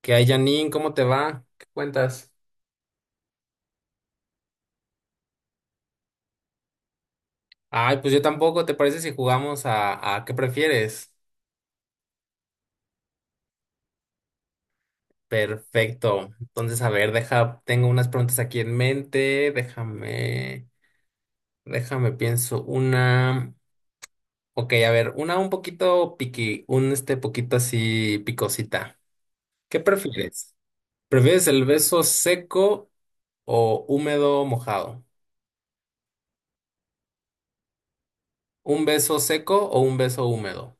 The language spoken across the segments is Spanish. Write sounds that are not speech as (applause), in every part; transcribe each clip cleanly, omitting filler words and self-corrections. ¿Qué hay, Janine? ¿Cómo te va? ¿Qué cuentas? Ay, pues yo tampoco. ¿Te parece si jugamos a qué prefieres? Perfecto. Entonces, a ver, deja, tengo unas preguntas aquí en mente. Déjame, pienso una. Ok, a ver, una un poquito piqui, un poquito así picosita. ¿Qué prefieres? ¿Prefieres el beso seco o húmedo mojado? ¿Un beso seco o un beso húmedo?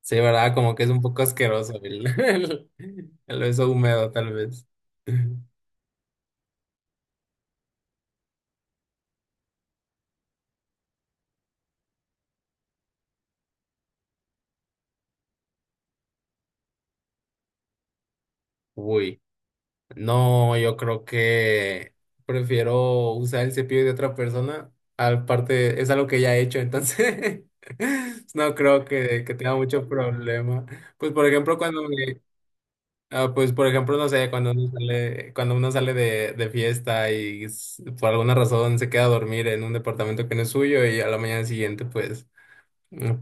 Sí, ¿verdad? Como que es un poco asqueroso el, (laughs) el beso húmedo, tal vez. Uy, no, yo creo que prefiero usar el cepillo de otra persona. Aparte, es algo que ya he hecho, entonces (laughs) no creo que tenga mucho problema. Pues, por ejemplo, pues, por ejemplo, no sé, cuando uno sale de fiesta y por alguna razón se queda a dormir en un departamento que no es suyo y a la mañana siguiente, pues.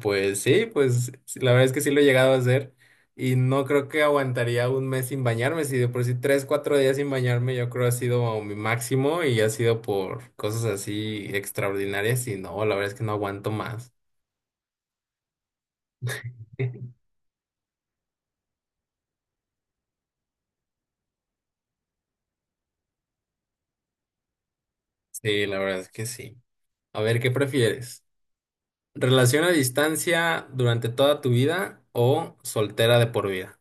Pues sí, la verdad es que sí lo he llegado a hacer y no creo que aguantaría un mes sin bañarme, si de por sí 3, 4 días sin bañarme yo creo ha sido mi máximo y ha sido por cosas así extraordinarias y no, la verdad es que no aguanto más. (laughs) Sí, la verdad es que sí. A ver, ¿qué prefieres? ¿Relación a distancia durante toda tu vida o soltera de por vida?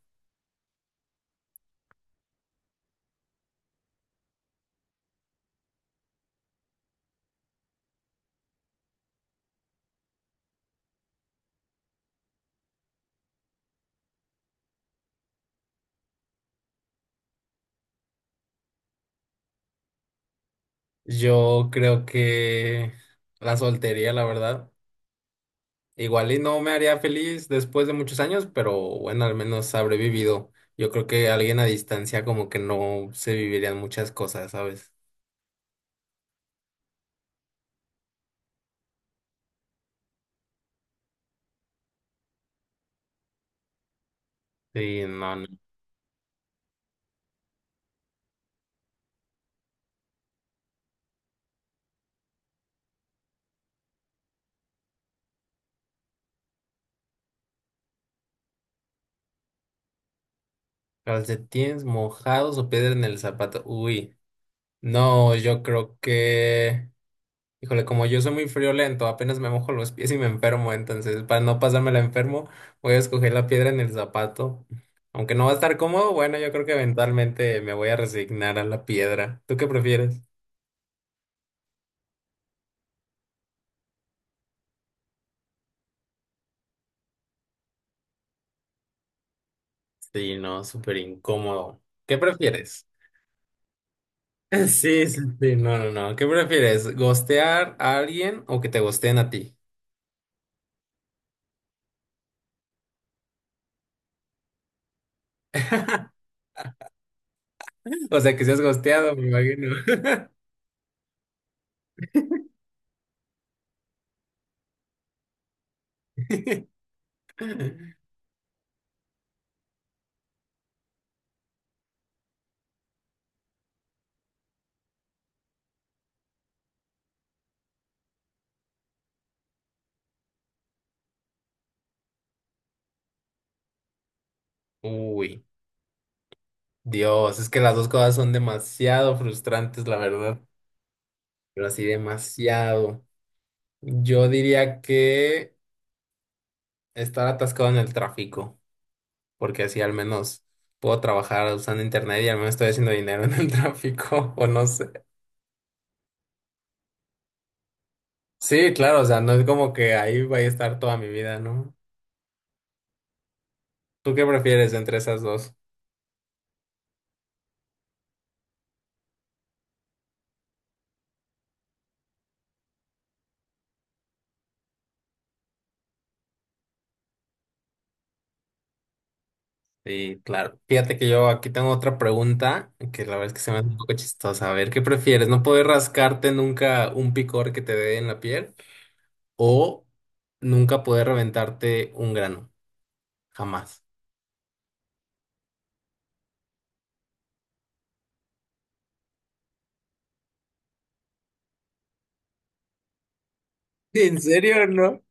Yo creo que la soltería, la verdad. Igual y no me haría feliz después de muchos años, pero bueno, al menos habré vivido. Yo creo que alguien a distancia como que no se vivirían muchas cosas, ¿sabes? Sí, no, no. Calcetines mojados o piedra en el zapato. Uy, no, yo creo que... Híjole, como yo soy muy friolento, apenas me mojo los pies y me enfermo, entonces para no pasarme la enfermo, voy a escoger la piedra en el zapato. Aunque no va a estar cómodo, bueno, yo creo que eventualmente me voy a resignar a la piedra. ¿Tú qué prefieres? Sí, no, súper incómodo. ¿Qué prefieres? (laughs) Sí, sí, sí, no, no, no. ¿Qué prefieres? ¿Gostear a alguien o que te gosteen a ti? (laughs) O sea, que seas gosteado, me imagino. (laughs) Uy, Dios, es que las dos cosas son demasiado frustrantes, la verdad. Pero así demasiado. Yo diría que estar atascado en el tráfico, porque así al menos puedo trabajar usando internet y al menos estoy haciendo dinero en el (laughs) tráfico, o no sé. Sí, claro, o sea, no es como que ahí vaya a estar toda mi vida, ¿no? ¿Tú qué prefieres entre esas dos? Sí, claro. Fíjate que yo aquí tengo otra pregunta que la verdad es que se me hace un poco chistosa. A ver, ¿qué prefieres? ¿No poder rascarte nunca un picor que te dé en la piel o nunca poder reventarte un grano? Jamás. ¿En serio, no?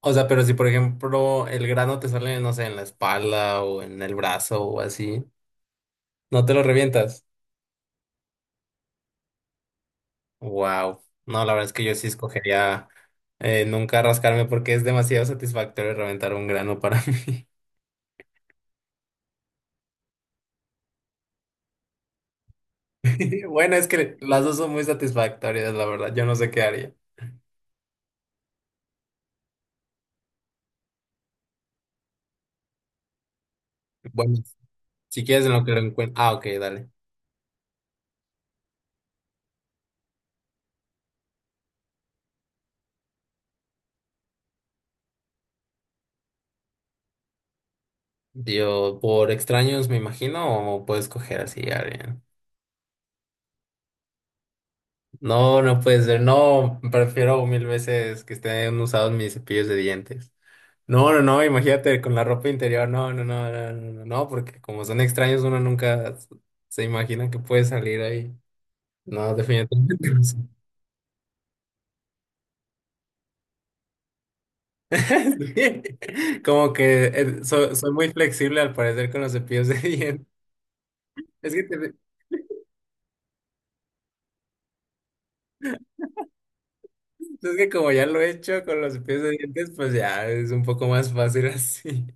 O sea, pero si por ejemplo el grano te sale, no sé, en la espalda o en el brazo o así, ¿no te lo revientas? Wow. No, la verdad es que yo sí escogería nunca rascarme porque es demasiado satisfactorio reventar un grano para mí. (laughs) Bueno, es que las dos son muy satisfactorias, la verdad. Yo no sé qué haría. Bueno, si quieres en lo que lo encuentro. Ah, ok, dale. Yo, por extraños, me imagino, o puedes coger así a alguien. No, no puede ser. No, prefiero mil veces que estén usados mis cepillos de dientes. No, no, no, imagínate con la ropa interior, no, no, no, no, no, no, no, porque como son extraños uno nunca se imagina que puede salir ahí. No, definitivamente no sé. (laughs) Sí, como que soy muy flexible al parecer con los cepillos de (laughs) dientes. Es que, es que como ya lo he hecho con los cepillos de dientes, pues ya es un poco más fácil así.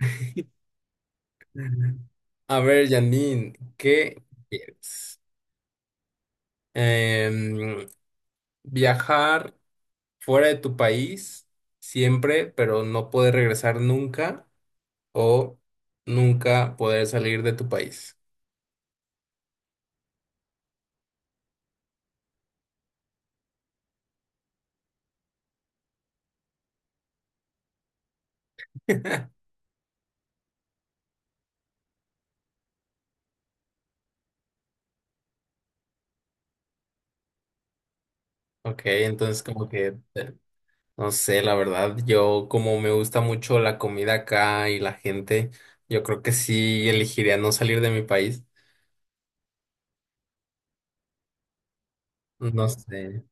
(laughs) A ver, Janine, ¿qué quieres? Em, viajar fuera de tu país siempre, pero no poder regresar nunca o nunca poder salir de tu país. Ok, entonces como que, no sé, la verdad, yo como me gusta mucho la comida acá y la gente, yo creo que sí elegiría no salir de mi país. No sé,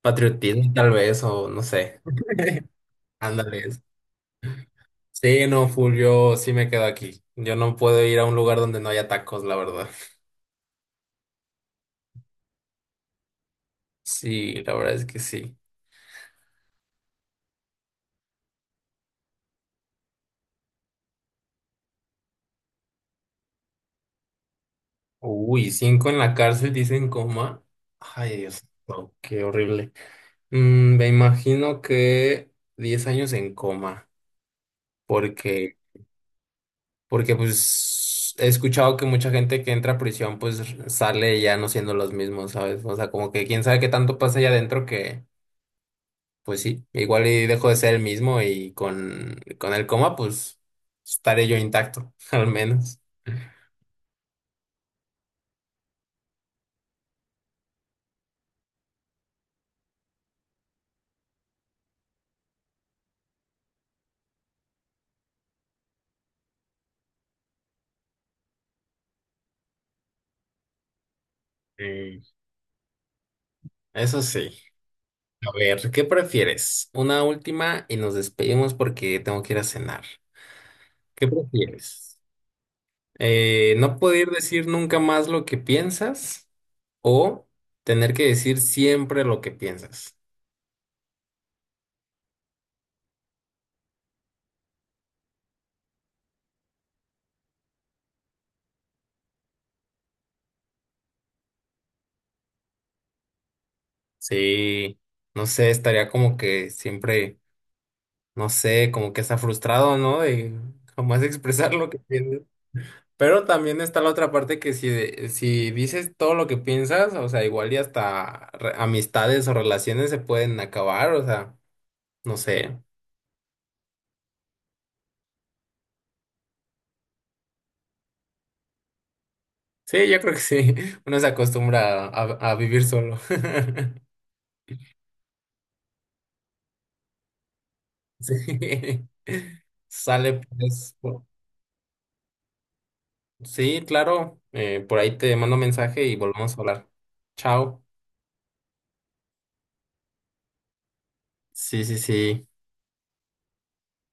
patriotismo tal vez o no sé, ándale. Sí, no, full, yo sí me quedo aquí. Yo no puedo ir a un lugar donde no haya tacos, la verdad. Sí, la verdad es que sí. Uy, 5 en la cárcel, dicen coma. Ay, Dios, no, qué horrible. Me imagino que 10 años en coma, porque, porque pues he escuchado que mucha gente que entra a prisión pues sale ya no siendo los mismos, ¿sabes? O sea, como que quién sabe qué tanto pasa allá adentro que, pues sí, igual y dejo de ser el mismo y con el coma pues estaré yo intacto, (laughs) al menos. Mm. Eso sí. A ver, ¿qué prefieres? Una última y nos despedimos porque tengo que ir a cenar. ¿Qué prefieres? ¿No poder decir nunca más lo que piensas o tener que decir siempre lo que piensas? Sí, no sé, estaría como que siempre, no sé, como que está frustrado, ¿no? De jamás expresar lo que piensas. Pero también está la otra parte que si, si dices todo lo que piensas, o sea, igual y hasta amistades o relaciones se pueden acabar, o sea. No sé. Sí, yo creo que sí. (laughs) Uno se acostumbra a, vivir solo. (laughs) Sí. Sale pues. Sí, claro. Por ahí te mando mensaje y volvemos a hablar. Chao. Sí, sí, sí.